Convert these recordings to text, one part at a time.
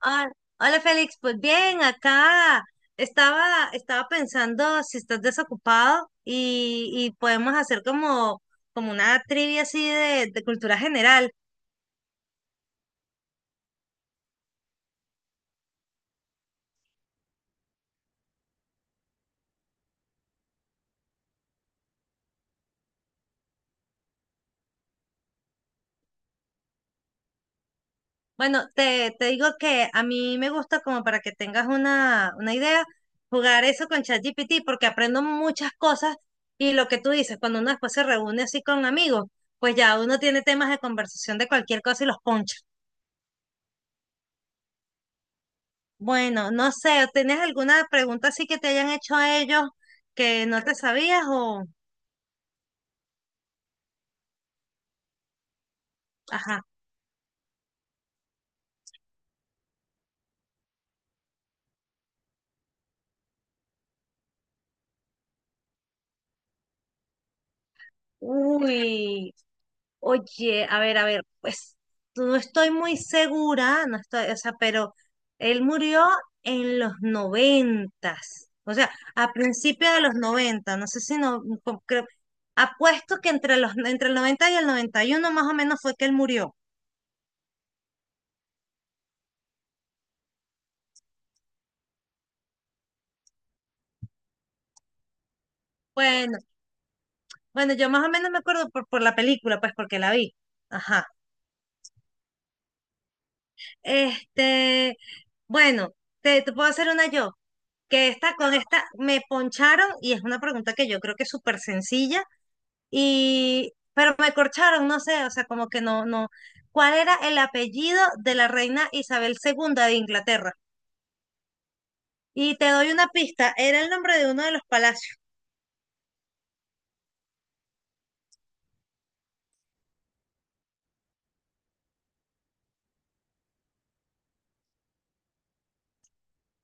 Ah, Hola Félix, pues bien, acá estaba pensando si estás desocupado y podemos hacer como una trivia así de cultura general. Bueno, te digo que a mí me gusta como para que tengas una idea, jugar eso con ChatGPT porque aprendo muchas cosas y lo que tú dices, cuando uno después se reúne así con amigos, pues ya uno tiene temas de conversación de cualquier cosa y los poncha. Bueno, no sé, ¿tienes alguna pregunta así que te hayan hecho ellos que no te sabías o? Ajá. Uy, oye, a ver, pues no estoy muy segura, no estoy, o sea, pero él murió en los noventas, o sea, a principios de los noventa, no sé si no, creo, apuesto que entre el noventa y el noventa y uno más o menos fue que él murió. Bueno, bueno, yo más o menos me acuerdo por la película, pues porque la vi. Ajá. Este, bueno, te puedo hacer una yo, que esta con esta me poncharon y es una pregunta que yo creo que es súper sencilla y pero me corcharon, no sé, o sea, como que no, no. ¿Cuál era el apellido de la reina Isabel II de Inglaterra? Y te doy una pista, era el nombre de uno de los palacios.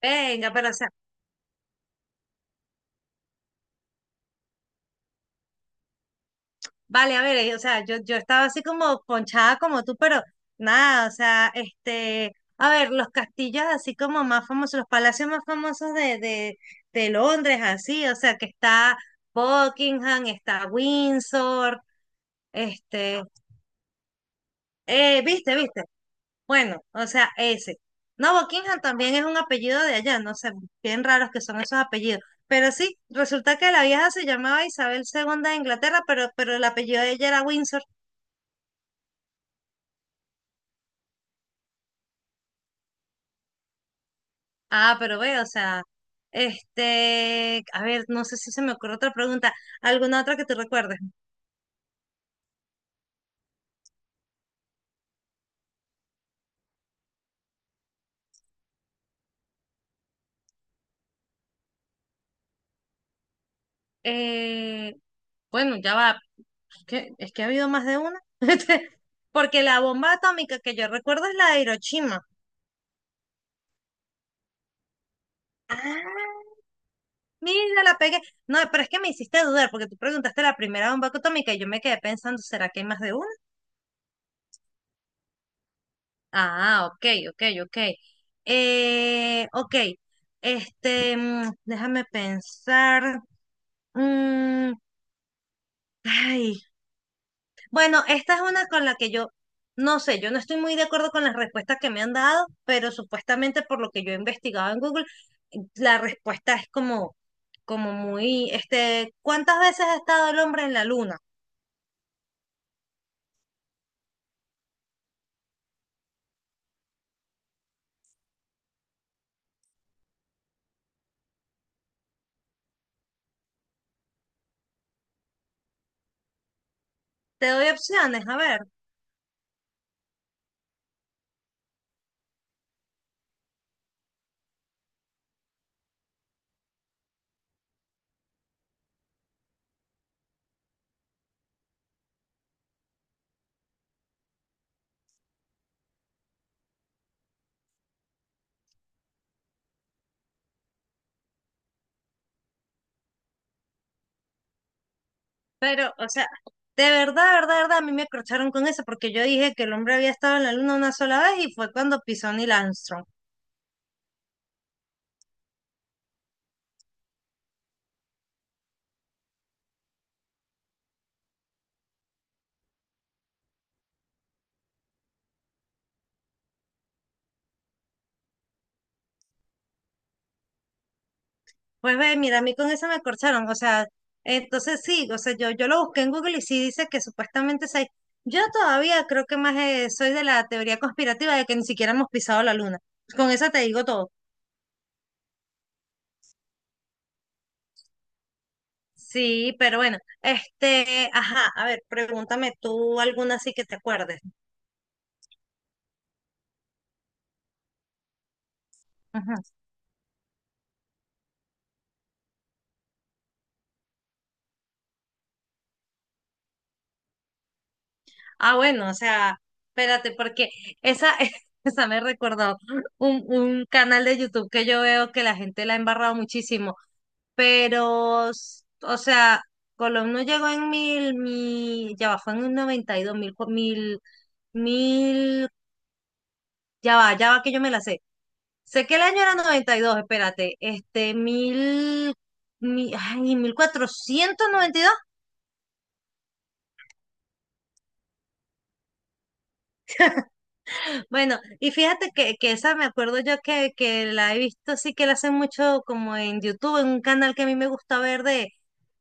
Venga, pero o sea, vale, a ver, o sea, yo estaba así como ponchada como tú, pero nada, o sea, a ver, los castillos así como más famosos, los palacios más famosos de Londres, así, o sea, que está Buckingham, está Windsor, este, viste, viste, bueno, o sea, ese. No, Buckingham también es un apellido de allá, no sé, bien raros que son esos apellidos. Pero sí, resulta que la vieja se llamaba Isabel II de Inglaterra, pero el apellido de ella era Windsor. Ah, pero ve, o sea, a ver, no sé si se me ocurre otra pregunta, alguna otra que te recuerdes. Eh, bueno, ya va, es que ha habido más de una, porque la bomba atómica que yo recuerdo es la de Hiroshima. Ah, mira, la pegué. No, pero es que me hiciste dudar, porque tú preguntaste la primera bomba atómica y yo me quedé pensando, ¿será que hay más de una? Ah, ok, ok, ok. Ok, déjame pensar. Mm, ay, Bueno, esta es una con la que yo, no sé, yo no estoy muy de acuerdo con las respuestas que me han dado, pero supuestamente por lo que yo he investigado en Google, la respuesta es como muy, ¿cuántas veces ha estado el hombre en la luna? Te doy opciones, a ver, pero, o sea, de verdad, de verdad, de verdad, a mí me acrocharon con eso porque yo dije que el hombre había estado en la luna una sola vez y fue cuando pisó Neil Armstrong. Pues ve, mira, a mí con eso me acorcharon, o sea, entonces sí, o sea, yo lo busqué en Google y sí dice que supuestamente seis. Yo todavía creo que más soy de la teoría conspirativa de que ni siquiera hemos pisado la luna. Pues con eso te digo todo. Sí, pero bueno, ajá, a ver, pregúntame tú alguna así que te acuerdes. Ajá. Ah, bueno, o sea, espérate, porque esa, esa me recordó un canal de YouTube que yo veo que la gente la ha embarrado muchísimo pero, o sea, Colón no llegó en ya va, fue en un 92, mil, cu- mil, mil, ya va que yo me la sé. Sé que el año era noventa y dos. Espérate, 1492. Bueno, y fíjate que, esa me acuerdo yo que la he visto, sí que la hacen mucho como en YouTube, en un canal que a mí me gusta ver de,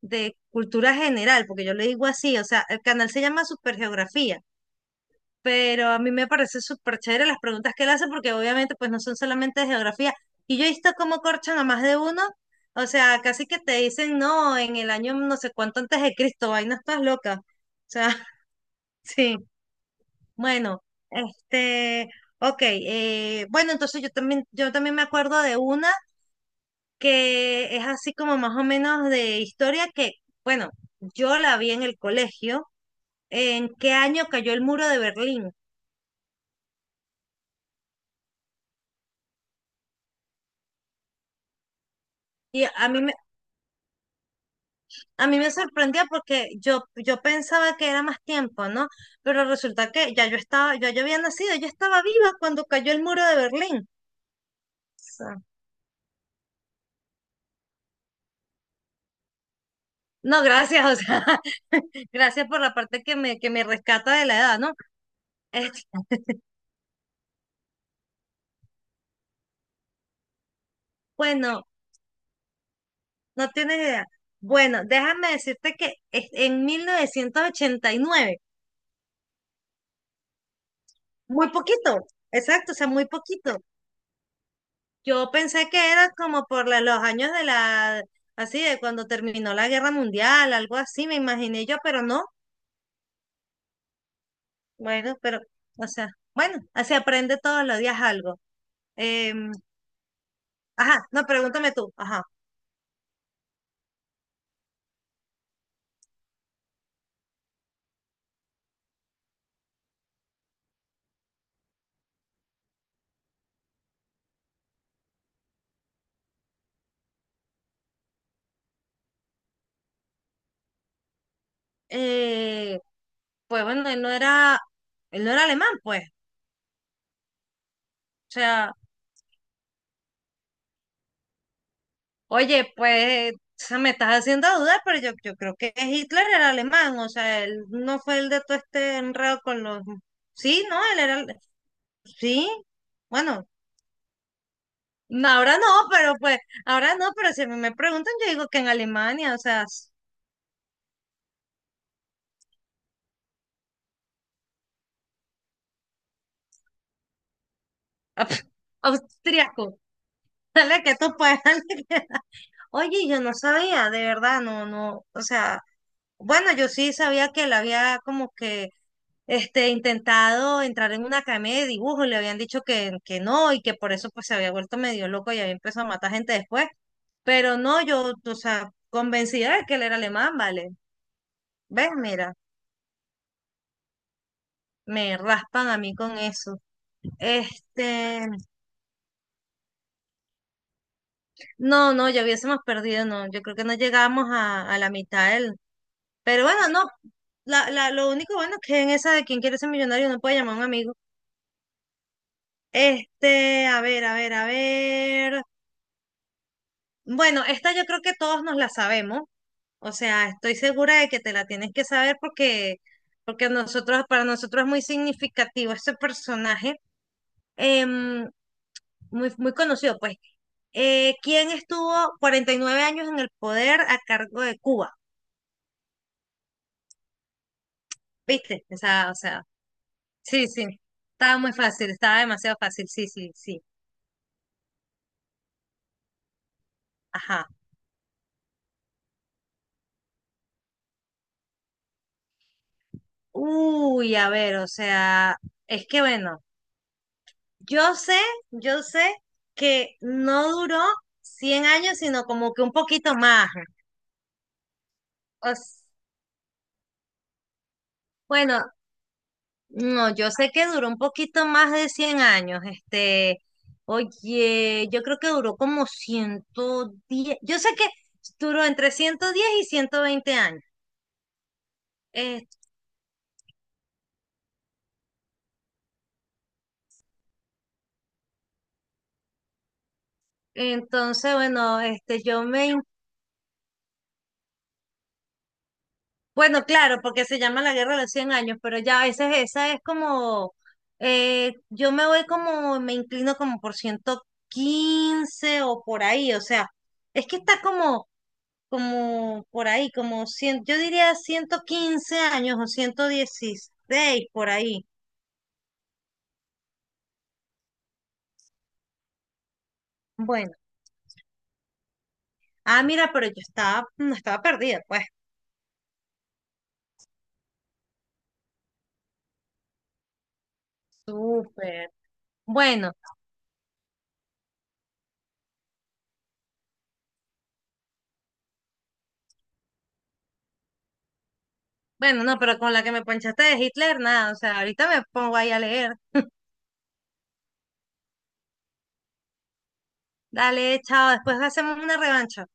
de cultura general, porque yo le digo así, o sea, el canal se llama Supergeografía. Pero a mí me parece súper chévere las preguntas que él hace porque obviamente pues no son solamente de geografía. Y yo he visto cómo corchan a más de uno, o sea, casi que te dicen, no, en el año no sé cuánto antes de Cristo, ay, no estás loca. O sea, sí, bueno, este, ok, bueno, entonces yo también me acuerdo de una que es así como más o menos de historia que, bueno, yo la vi en el colegio, ¿en qué año cayó el muro de Berlín? Y a mí, me A mí me sorprendía porque yo pensaba que era más tiempo, ¿no? Pero resulta que ya yo estaba, yo había nacido, yo estaba viva cuando cayó el muro de Berlín. Sea, no, gracias, o sea, gracias por la parte que me rescata de la edad, ¿no? Este, bueno, no tienes idea. Bueno, déjame decirte que en 1989. Muy poquito, exacto, o sea, muy poquito. Yo pensé que era como los años de la, así, de cuando terminó la Guerra Mundial, algo así, me imaginé yo, pero no. Bueno, pero, o sea, bueno, así aprende todos los días algo. Em, ajá, no, pregúntame tú. Ajá. Eh, pues bueno, él no era alemán, pues. O sea, oye, pues, o sea, me estás haciendo dudar, pero yo creo que Hitler era alemán, o sea, él no fue el de todo este enredo con los. Sí, no, él era. Sí, bueno. No, ahora no, pero pues, ahora no, pero si a mí me preguntan, yo digo que en Alemania, o sea, s-. Ah, pf, austriaco, dale que tú puedes, dale que- Oye, yo no sabía, de verdad, no, no, o sea, bueno, yo sí sabía que él había como que, intentado entrar en una academia de dibujo, y le habían dicho que no, y que por eso pues se había vuelto medio loco y había empezado a matar gente después, pero no, yo, o sea, convencida de que él era alemán, vale, ves, mira, me raspan a mí con eso. Este, no, no, ya hubiésemos perdido, no, yo creo que no llegamos a la mitad del, pero bueno, no, lo único bueno es que en esa de quién quiere ser millonario no puede llamar a un amigo. A ver, a ver, a ver. Bueno, esta yo creo que todos nos la sabemos, o sea, estoy segura de que te la tienes que saber porque, nosotros, para nosotros es muy significativo este personaje. Em, Muy, muy conocido, pues. ¿Quién estuvo 49 años en el poder a cargo de Cuba? ¿Viste? O sea, sí, sí. Estaba muy fácil, estaba demasiado fácil, sí, sí, sí. Ajá. Uy, a ver, o sea, es que bueno, yo sé, yo sé que no duró 100 años, sino como que un poquito más. O s- bueno, no, yo sé que duró un poquito más de 100 años. Oye, yo creo que duró como 110. Yo sé que duró entre 110 y 120 años. Eh, entonces, bueno, este, yo me... in- Bueno, claro, porque se llama la Guerra de los Cien años, pero ya a veces esa es como. Yo me voy como, me inclino como por 115 o por ahí. O sea, es que está Como por ahí, como cien, yo diría 115 años o 116 por ahí. Bueno, ah, mira, pero yo estaba, no estaba perdida, pues, súper. Bueno, bueno, no, pero con la que me ponchaste de Hitler, nada, o sea, ahorita me pongo ahí a leer. Dale, chao, después hacemos una revancha.